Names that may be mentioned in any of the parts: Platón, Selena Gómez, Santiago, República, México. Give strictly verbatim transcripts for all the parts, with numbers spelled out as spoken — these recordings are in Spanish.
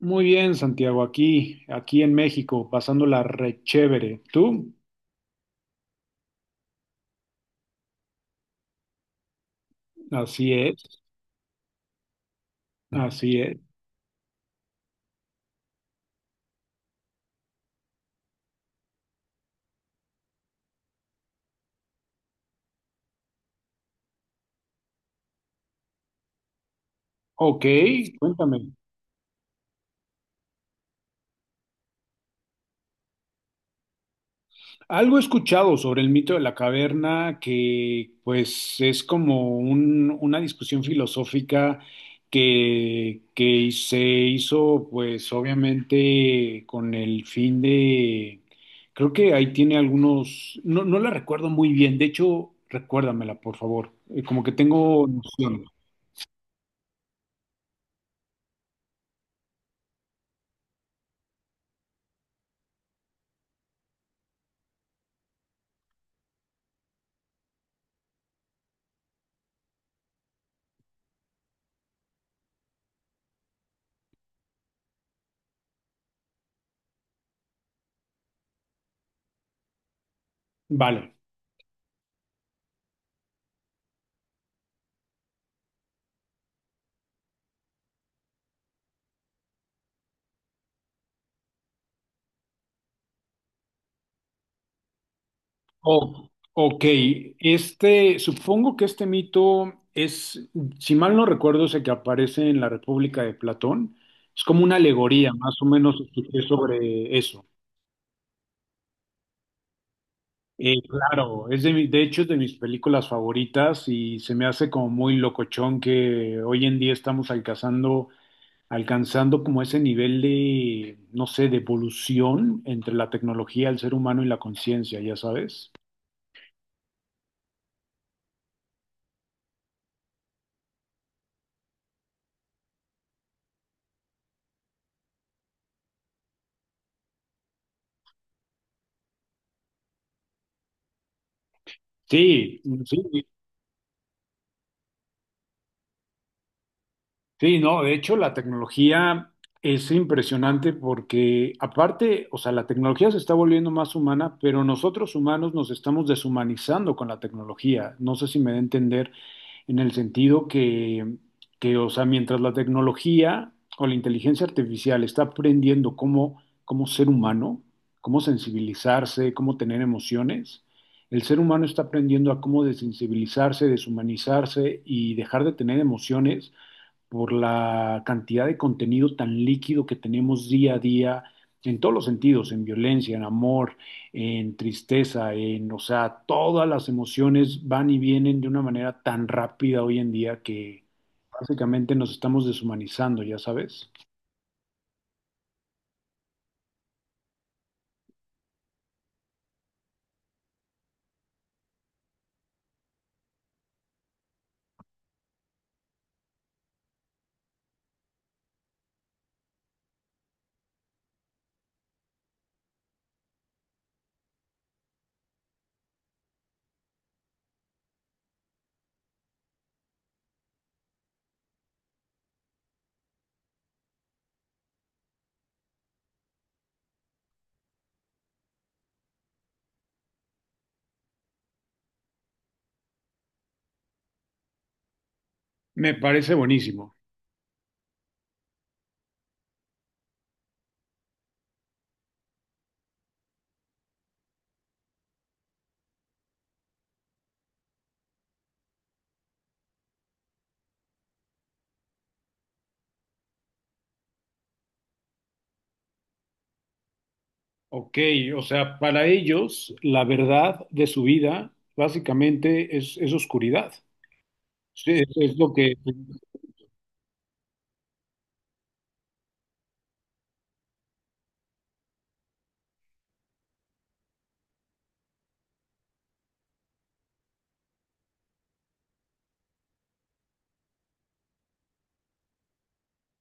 Muy bien, Santiago, aquí, aquí en México, pasándola re chévere. ¿Tú? Así es, así es. Ok, cuéntame. Algo he escuchado sobre el mito de la caverna que pues es como un- una discusión filosófica que, que se hizo pues obviamente con el fin de, creo que ahí tiene algunos, no, no la recuerdo muy bien, de hecho recuérdamela por favor. Eh, como que tengo noción. Vale. O- ok. Este, supongo que este mito es, si mal no recuerdo, es el que aparece en la República de Platón. Es como una alegoría, más o menos escuché sobre eso. Eh, claro, es de, mi- de hecho es de mis películas favoritas y se me hace como muy locochón que hoy en día estamos alcanzando, alcanzando como ese nivel de, no sé, de evolución entre la tecnología, el ser humano y la conciencia, ya sabes. Sí, sí. Sí, no, de hecho la tecnología es impresionante porque aparte, o sea, la tecnología se está volviendo más humana, pero nosotros humanos nos estamos deshumanizando con la tecnología. No sé si me da a entender en el sentido que, que, o sea, mientras la tecnología o la inteligencia artificial está aprendiendo cómo, cómo ser humano, cómo sensibilizarse, cómo tener emociones, el ser humano está aprendiendo a cómo desensibilizarse, deshumanizarse y dejar de tener emociones por la cantidad de contenido tan líquido que tenemos día a día en todos los sentidos, en violencia, en amor, en tristeza, en, o sea, todas las emociones van y vienen de una manera tan rápida hoy en día que básicamente nos estamos deshumanizando, ya sabes. Me parece buenísimo. Ok, o sea, para ellos la verdad de su vida básicamente es, es oscuridad. Sí, es, es lo que...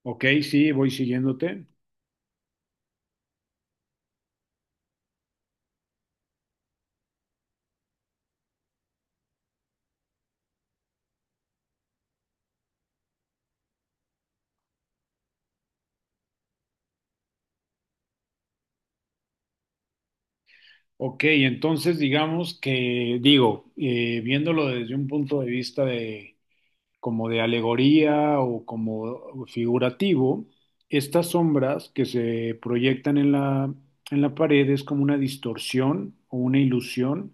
Ok, sí, voy siguiéndote. Ok, entonces digamos que, digo, eh, viéndolo desde un punto de vista de como de alegoría o como figurativo, estas sombras que se proyectan en la, en la pared es como una distorsión o una ilusión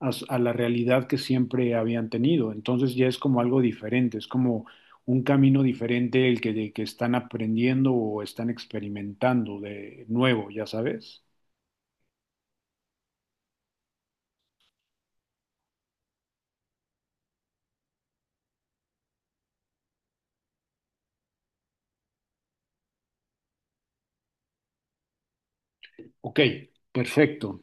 a, s- a la realidad que siempre habían tenido. Entonces ya es como algo diferente, es como un camino diferente el que, de que están aprendiendo o están experimentando de nuevo, ya sabes. Ok, perfecto.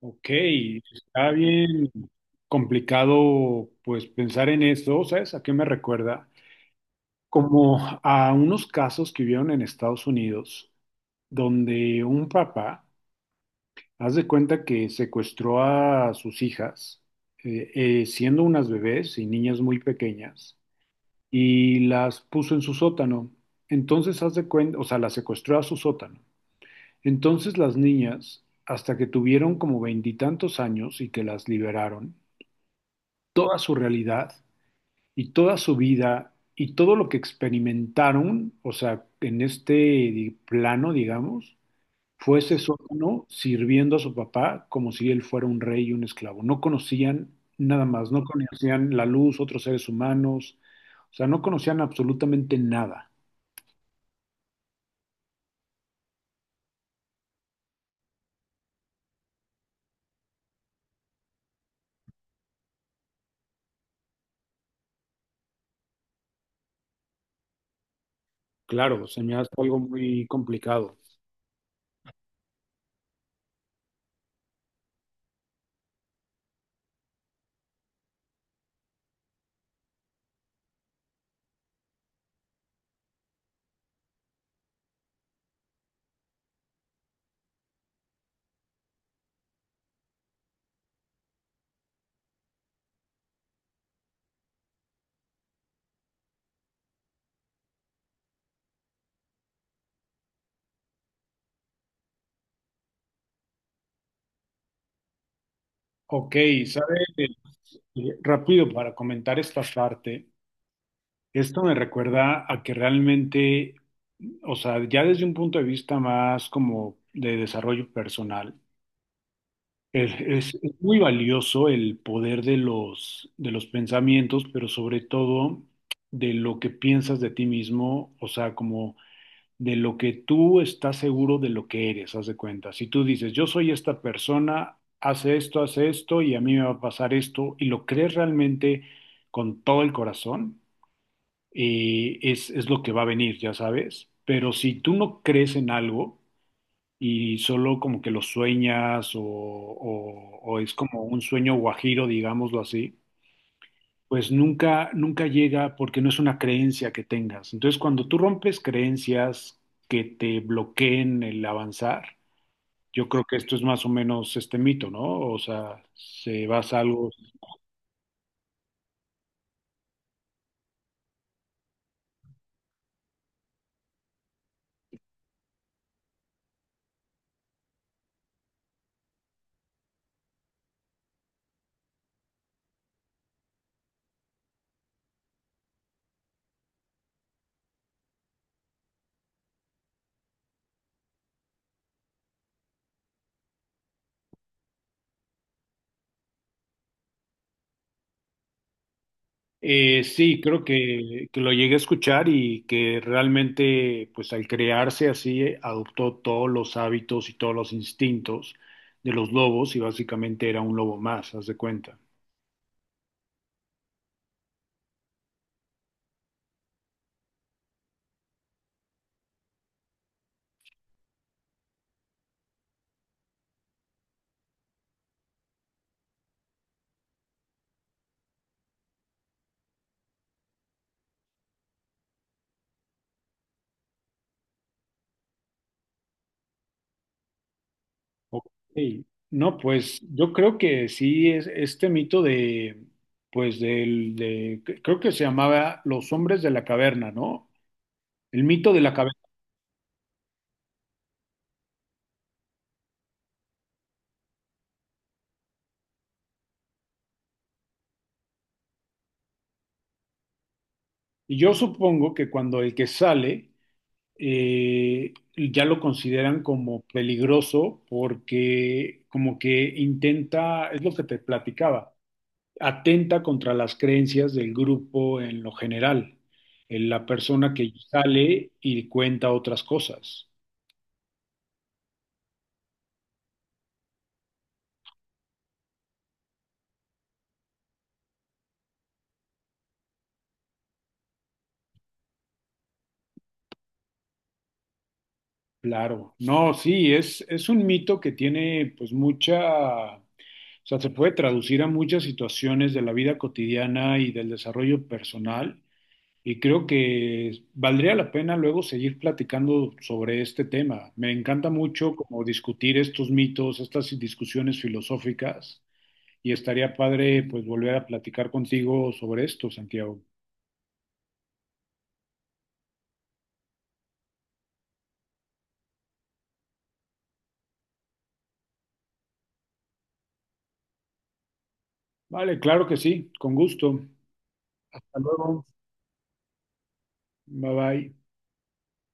Ok, está bien complicado pues pensar en eso, ¿sabes? ¿A qué me recuerda? Como a unos casos que vieron en Estados Unidos, donde un papá, haz de cuenta que secuestró a sus hijas, eh, eh, siendo unas bebés y niñas muy pequeñas, y las puso en su sótano. Entonces, haz de cuenta, o sea, las secuestró a su sótano. Entonces las niñas, hasta que tuvieron como veintitantos años y que las liberaron, toda su realidad y toda su vida y todo lo que experimentaron, o sea, en este di- plano, digamos, fue ese sótano sirviendo a su papá como si él fuera un rey y un esclavo. No conocían nada más, no conocían la luz, otros seres humanos, o sea, no conocían absolutamente nada. Claro, se me hace algo muy complicado. Ok, ¿sabe? Eh, eh, Rápido para comentar esta parte. Esto me recuerda a que realmente, o sea, ya desde un punto de vista más como de desarrollo personal, es, es- es muy valioso el poder de los, de los pensamientos, pero sobre todo de lo que piensas de ti mismo, o sea, como de lo que tú estás seguro de lo que eres, haz de cuenta. Si tú dices, yo soy esta persona, hace esto, hace esto, y a mí me va a pasar esto, y lo crees realmente con todo el corazón. eh, es, es lo que va a venir, ya sabes. Pero si tú no crees en algo y solo como que lo sueñas o, o- o es como un sueño guajiro, digámoslo así, pues nunca, nunca llega porque no es una creencia que tengas. Entonces, cuando tú rompes creencias que te bloqueen el avanzar, yo creo que esto es más o menos este mito, ¿no? O sea, se basa algo. Eh, sí, creo que, que lo llegué a escuchar y que realmente, pues al crearse así, eh, adoptó todos los hábitos y todos los instintos de los lobos y básicamente era un lobo más, haz de cuenta. Ok. No, pues yo creo que sí, es este mito de, pues del, de, creo que se llamaba Los hombres de la caverna, ¿no? El mito de la caverna. Y yo supongo que cuando el que sale eh, ya lo consideran como peligroso porque como que intenta, es lo que te platicaba, atenta contra las creencias del grupo en lo general, en la persona que sale y cuenta otras cosas. Claro, no, sí, es, es un mito que tiene pues mucha, o sea, se puede traducir a muchas situaciones de la vida cotidiana y del desarrollo personal. Y creo que valdría la pena luego seguir platicando sobre este tema. Me encanta mucho como discutir estos mitos, estas discusiones filosóficas, y estaría padre pues volver a platicar contigo sobre esto, Santiago. Vale, claro que sí, con gusto. Hasta luego. Bye bye.